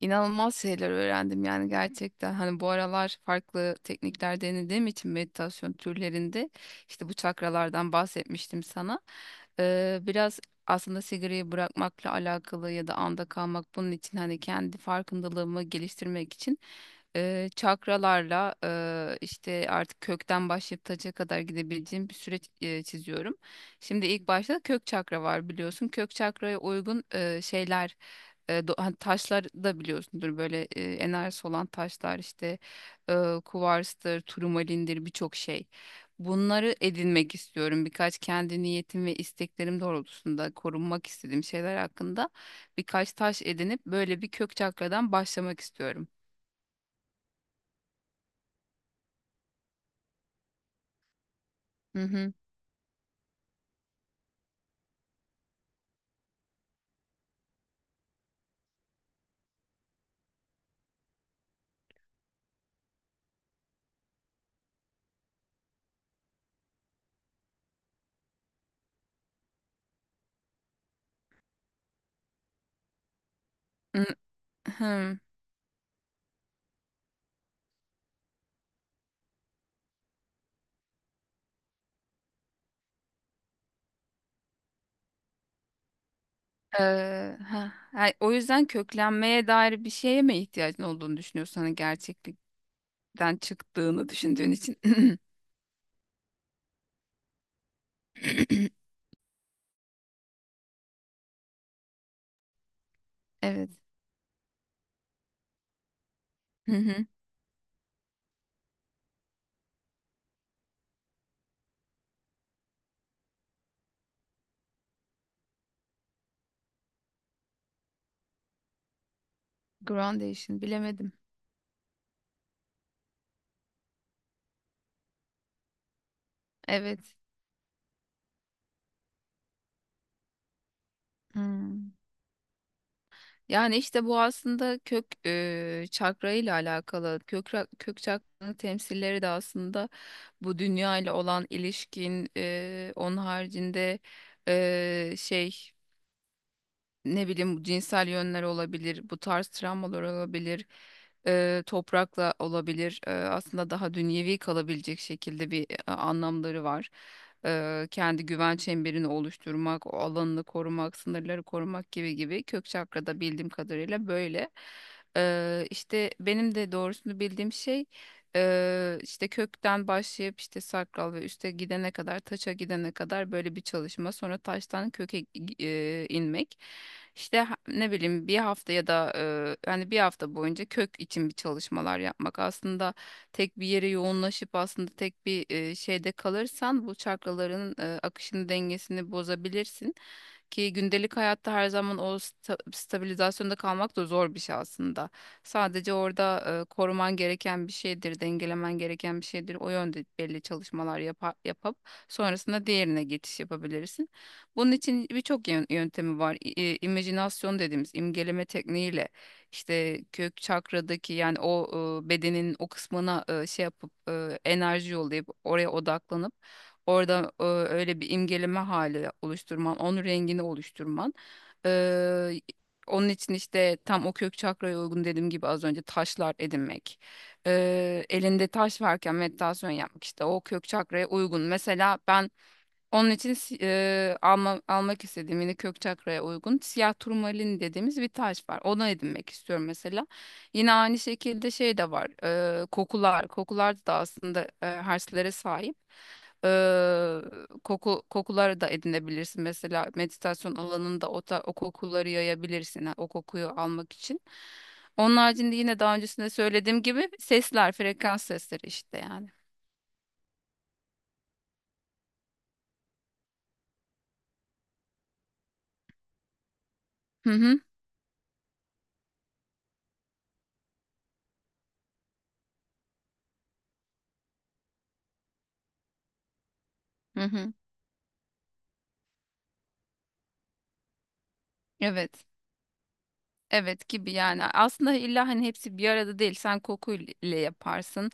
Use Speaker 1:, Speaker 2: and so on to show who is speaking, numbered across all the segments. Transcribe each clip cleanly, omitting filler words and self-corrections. Speaker 1: İnanılmaz şeyler öğrendim yani gerçekten. Hani bu aralar farklı teknikler denediğim için meditasyon türlerinde işte bu çakralardan bahsetmiştim sana. Biraz aslında sigarayı bırakmakla alakalı ya da anda kalmak bunun için hani kendi farkındalığımı geliştirmek için çakralarla işte artık kökten başlayıp taca kadar gidebileceğim bir süreç çiziyorum. Şimdi ilk başta kök çakra var biliyorsun. Kök çakraya uygun şeyler hani taşlar da biliyorsundur böyle enerjisi olan taşlar işte kuvarstır, turmalindir birçok şey. Bunları edinmek istiyorum. Birkaç kendi niyetim ve isteklerim doğrultusunda korunmak istediğim şeyler hakkında birkaç taş edinip böyle bir kök çakradan başlamak istiyorum. Hı hı. Hı hı. Ee, ha. Yani o yüzden köklenmeye dair bir şeye mi ihtiyacın olduğunu düşünüyorsun? Hani gerçeklikten çıktığını düşündüğün için. Evet. Groundation bilemedim. Evet. Hmm. Yani işte bu aslında kök çakra ile alakalı. Kök çakranın temsilleri de aslında bu dünya ile olan ilişkin. Onun haricinde şey ne bileyim bu cinsel yönler olabilir, bu tarz travmalar olabilir, toprakla olabilir. Aslında daha dünyevi kalabilecek şekilde bir anlamları var. Kendi güven çemberini oluşturmak, o alanını korumak, sınırları korumak gibi gibi kök çakrada bildiğim kadarıyla böyle. İşte benim de doğrusunu bildiğim şey işte kökten başlayıp işte sakral ve üste gidene kadar taça gidene kadar böyle bir çalışma sonra taştan köke inmek. İşte ne bileyim bir hafta ya da hani bir hafta boyunca kök için bir çalışmalar yapmak aslında tek bir yere yoğunlaşıp aslında tek bir şeyde kalırsan bu çakraların akışını dengesini bozabilirsin. Ki gündelik hayatta her zaman o stabilizasyonda kalmak da zor bir şey aslında. Sadece orada koruman gereken bir şeydir, dengelemen gereken bir şeydir. O yönde belli çalışmalar yapıp sonrasında diğerine geçiş yapabilirsin. Bunun için birçok yöntemi var. İ- e, imajinasyon dediğimiz imgeleme tekniğiyle işte kök çakradaki yani o bedenin o kısmına şey yapıp enerji yollayıp oraya odaklanıp. Orada öyle bir imgeleme hali oluşturman, onun rengini oluşturman. Eee, onun için işte tam o kök çakraya uygun dediğim gibi az önce taşlar edinmek. Elinde taş varken meditasyon yapmak işte o kök çakraya uygun. Mesela ben onun için almak istediğim yine kök çakraya uygun siyah turmalin dediğimiz bir taş var. Onu edinmek istiyorum mesela. Yine aynı şekilde şey de var. Kokular. Kokular da aslında herslere sahip. Eee kokuları da edinebilirsin. Mesela meditasyon alanında o kokuları yayabilirsin. Ha, o kokuyu almak için. Onun haricinde yine daha öncesinde söylediğim gibi sesler, frekans sesleri işte yani. Hı hı. Hı hı. Evet. Evet gibi yani aslında illa hani hepsi bir arada değil sen kokuyla yaparsın.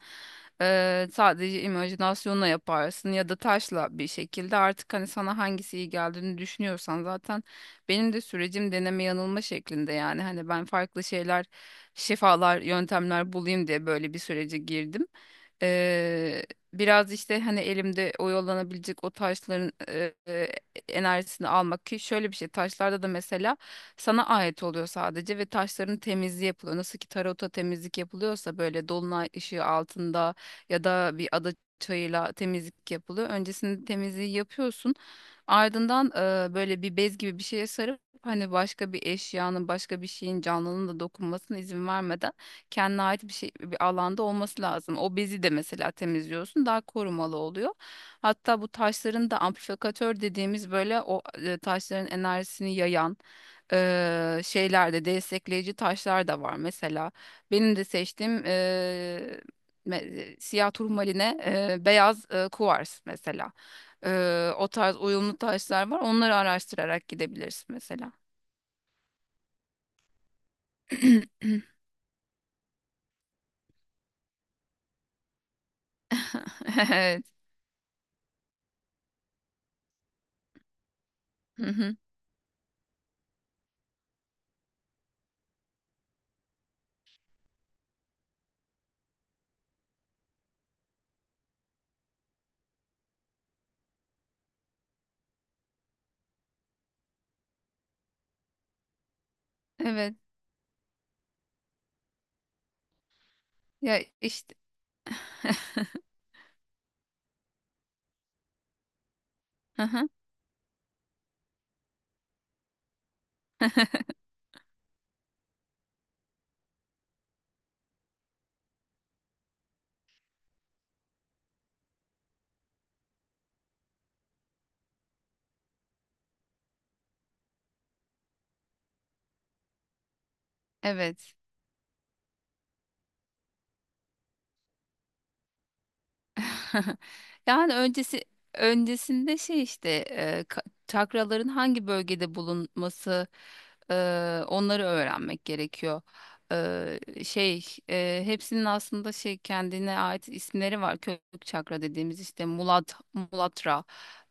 Speaker 1: Sadece imajinasyonla yaparsın ya da taşla bir şekilde artık hani sana hangisi iyi geldiğini düşünüyorsan zaten benim de sürecim deneme yanılma şeklinde yani hani ben farklı şeyler şifalar yöntemler bulayım diye böyle bir sürece girdim. Ee, biraz işte hani elimde oyalanabilecek o taşların enerjisini almak ki şöyle bir şey taşlarda da mesela sana ait oluyor sadece ve taşların temizliği yapılıyor. Nasıl ki tarota temizlik yapılıyorsa böyle dolunay ışığı altında ya da bir ada çayıyla temizlik yapılıyor. Öncesinde temizliği yapıyorsun. Ardından böyle bir bez gibi bir şeye sarıp hani başka bir eşyanın, başka bir şeyin canlının da dokunmasına izin vermeden kendine ait bir şey bir alanda olması lazım. O bezi de mesela temizliyorsun, daha korumalı oluyor. Hatta bu taşların da amplifikatör dediğimiz böyle o taşların enerjisini yayan şeylerde destekleyici taşlar da var. Mesela benim de seçtiğim siyah turmaline beyaz kuvars mesela. O tarz uyumlu taşlar var. Onları araştırarak gidebilirsin mesela. Evet. Hı hı. Evet. Ya işte. Hı hı. Evet. Yani öncesinde şey işte çakraların hangi bölgede bulunması e, onları öğrenmek gerekiyor. Şey hepsinin aslında şey kendine ait isimleri var. Kök çakra dediğimiz işte Mulatra,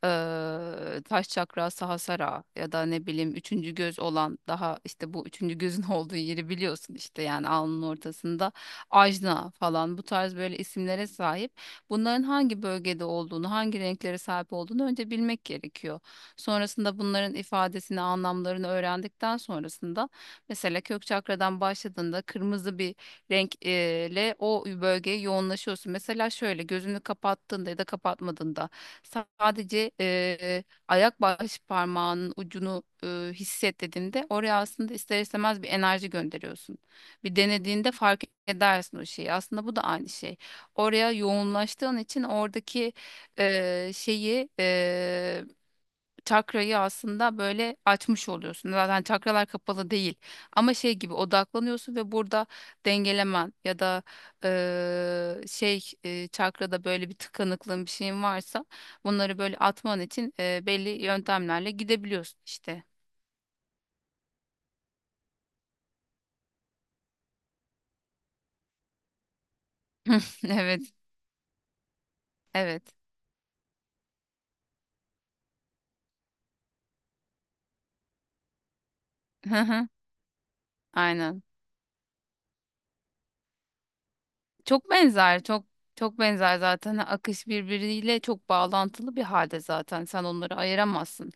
Speaker 1: taş çakra, Sahasara ya da ne bileyim üçüncü göz olan daha işte bu üçüncü gözün olduğu yeri biliyorsun işte yani alnın ortasında Ajna falan bu tarz böyle isimlere sahip bunların hangi bölgede olduğunu, hangi renklere sahip olduğunu önce bilmek gerekiyor. Sonrasında bunların ifadesini, anlamlarını öğrendikten sonrasında mesela kök çakradan başladığında kırmızı bir renkle o bölgeye yoğunlaşıyorsun. Mesela şöyle gözünü kapattığında ya da kapatmadığında sadece ayak baş parmağının ucunu hisset dediğinde oraya aslında ister istemez bir enerji gönderiyorsun. Bir denediğinde fark edersin o şeyi. Aslında bu da aynı şey oraya yoğunlaştığın için oradaki şeyi çakrayı aslında böyle açmış oluyorsun. Zaten çakralar kapalı değil ama şey gibi odaklanıyorsun ve burada dengelemen ya da şey çakrada böyle bir tıkanıklığın bir şeyin varsa bunları böyle atman için belli yöntemlerle gidebiliyorsun işte. Evet, evet. Aynen. Çok benzer, çok çok benzer zaten. Hani akış birbiriyle çok bağlantılı bir halde zaten. Sen onları ayıramazsın.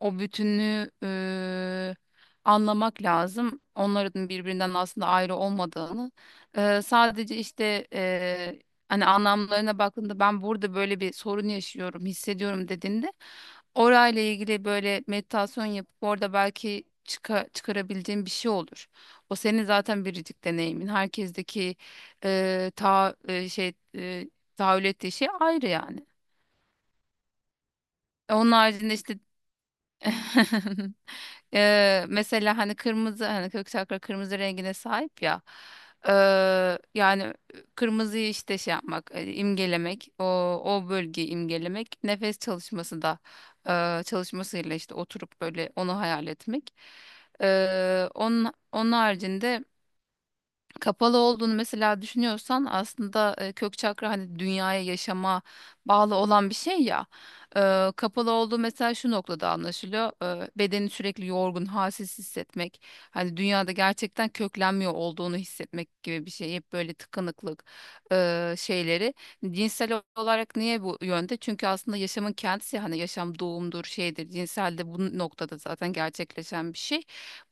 Speaker 1: O bütünlüğü anlamak lazım. Onların birbirinden aslında ayrı olmadığını. Sadece işte hani anlamlarına baktığında ben burada böyle bir sorun yaşıyorum, hissediyorum dediğinde orayla ilgili böyle meditasyon yapıp orada belki çıkarabileceğin bir şey olur. O senin zaten biricik deneyimin. Herkesteki şey tahayyül ettiği şey ayrı yani. Onun haricinde işte mesela hani kırmızı hani kök çakra kırmızı rengine sahip ya. E, yani kırmızıyı işte şey yapmak, imgelemek, o bölgeyi imgelemek, nefes çalışması da çalışmasıyla işte oturup böyle onu hayal etmek. Onun haricinde kapalı olduğunu mesela düşünüyorsan aslında kök çakra hani dünyaya yaşama bağlı olan bir şey ya. Kapalı olduğu mesela şu noktada anlaşılıyor. Bedeni sürekli yorgun, halsiz hissetmek. Hani dünyada gerçekten köklenmiyor olduğunu hissetmek gibi bir şey. Hep böyle tıkanıklık şeyleri. Cinsel olarak niye bu yönde? Çünkü aslında yaşamın kendisi hani yaşam doğumdur, şeydir. Cinsel de bu noktada zaten gerçekleşen bir şey.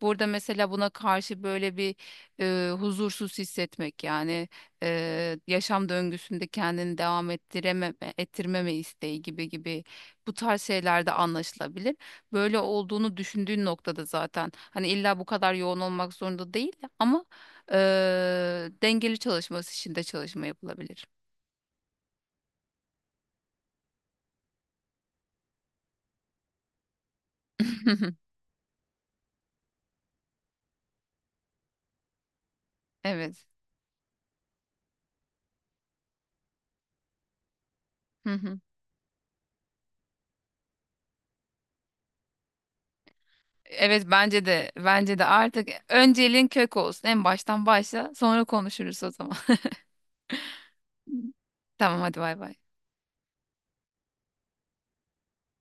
Speaker 1: Burada mesela buna karşı böyle bir huzursuz hissetmek yani yaşam döngüsünde kendini devam ettirememe, ettirmeme isteği gibi gibi bu tarz şeylerde anlaşılabilir. Böyle olduğunu düşündüğün noktada zaten hani illa bu kadar yoğun olmak zorunda değil ama e, dengeli çalışması için de çalışma yapılabilir. Evet. Hı hı. Evet bence de bence de artık önceliğin kök olsun. En baştan başla sonra konuşuruz o zaman. Tamam hadi bay bay.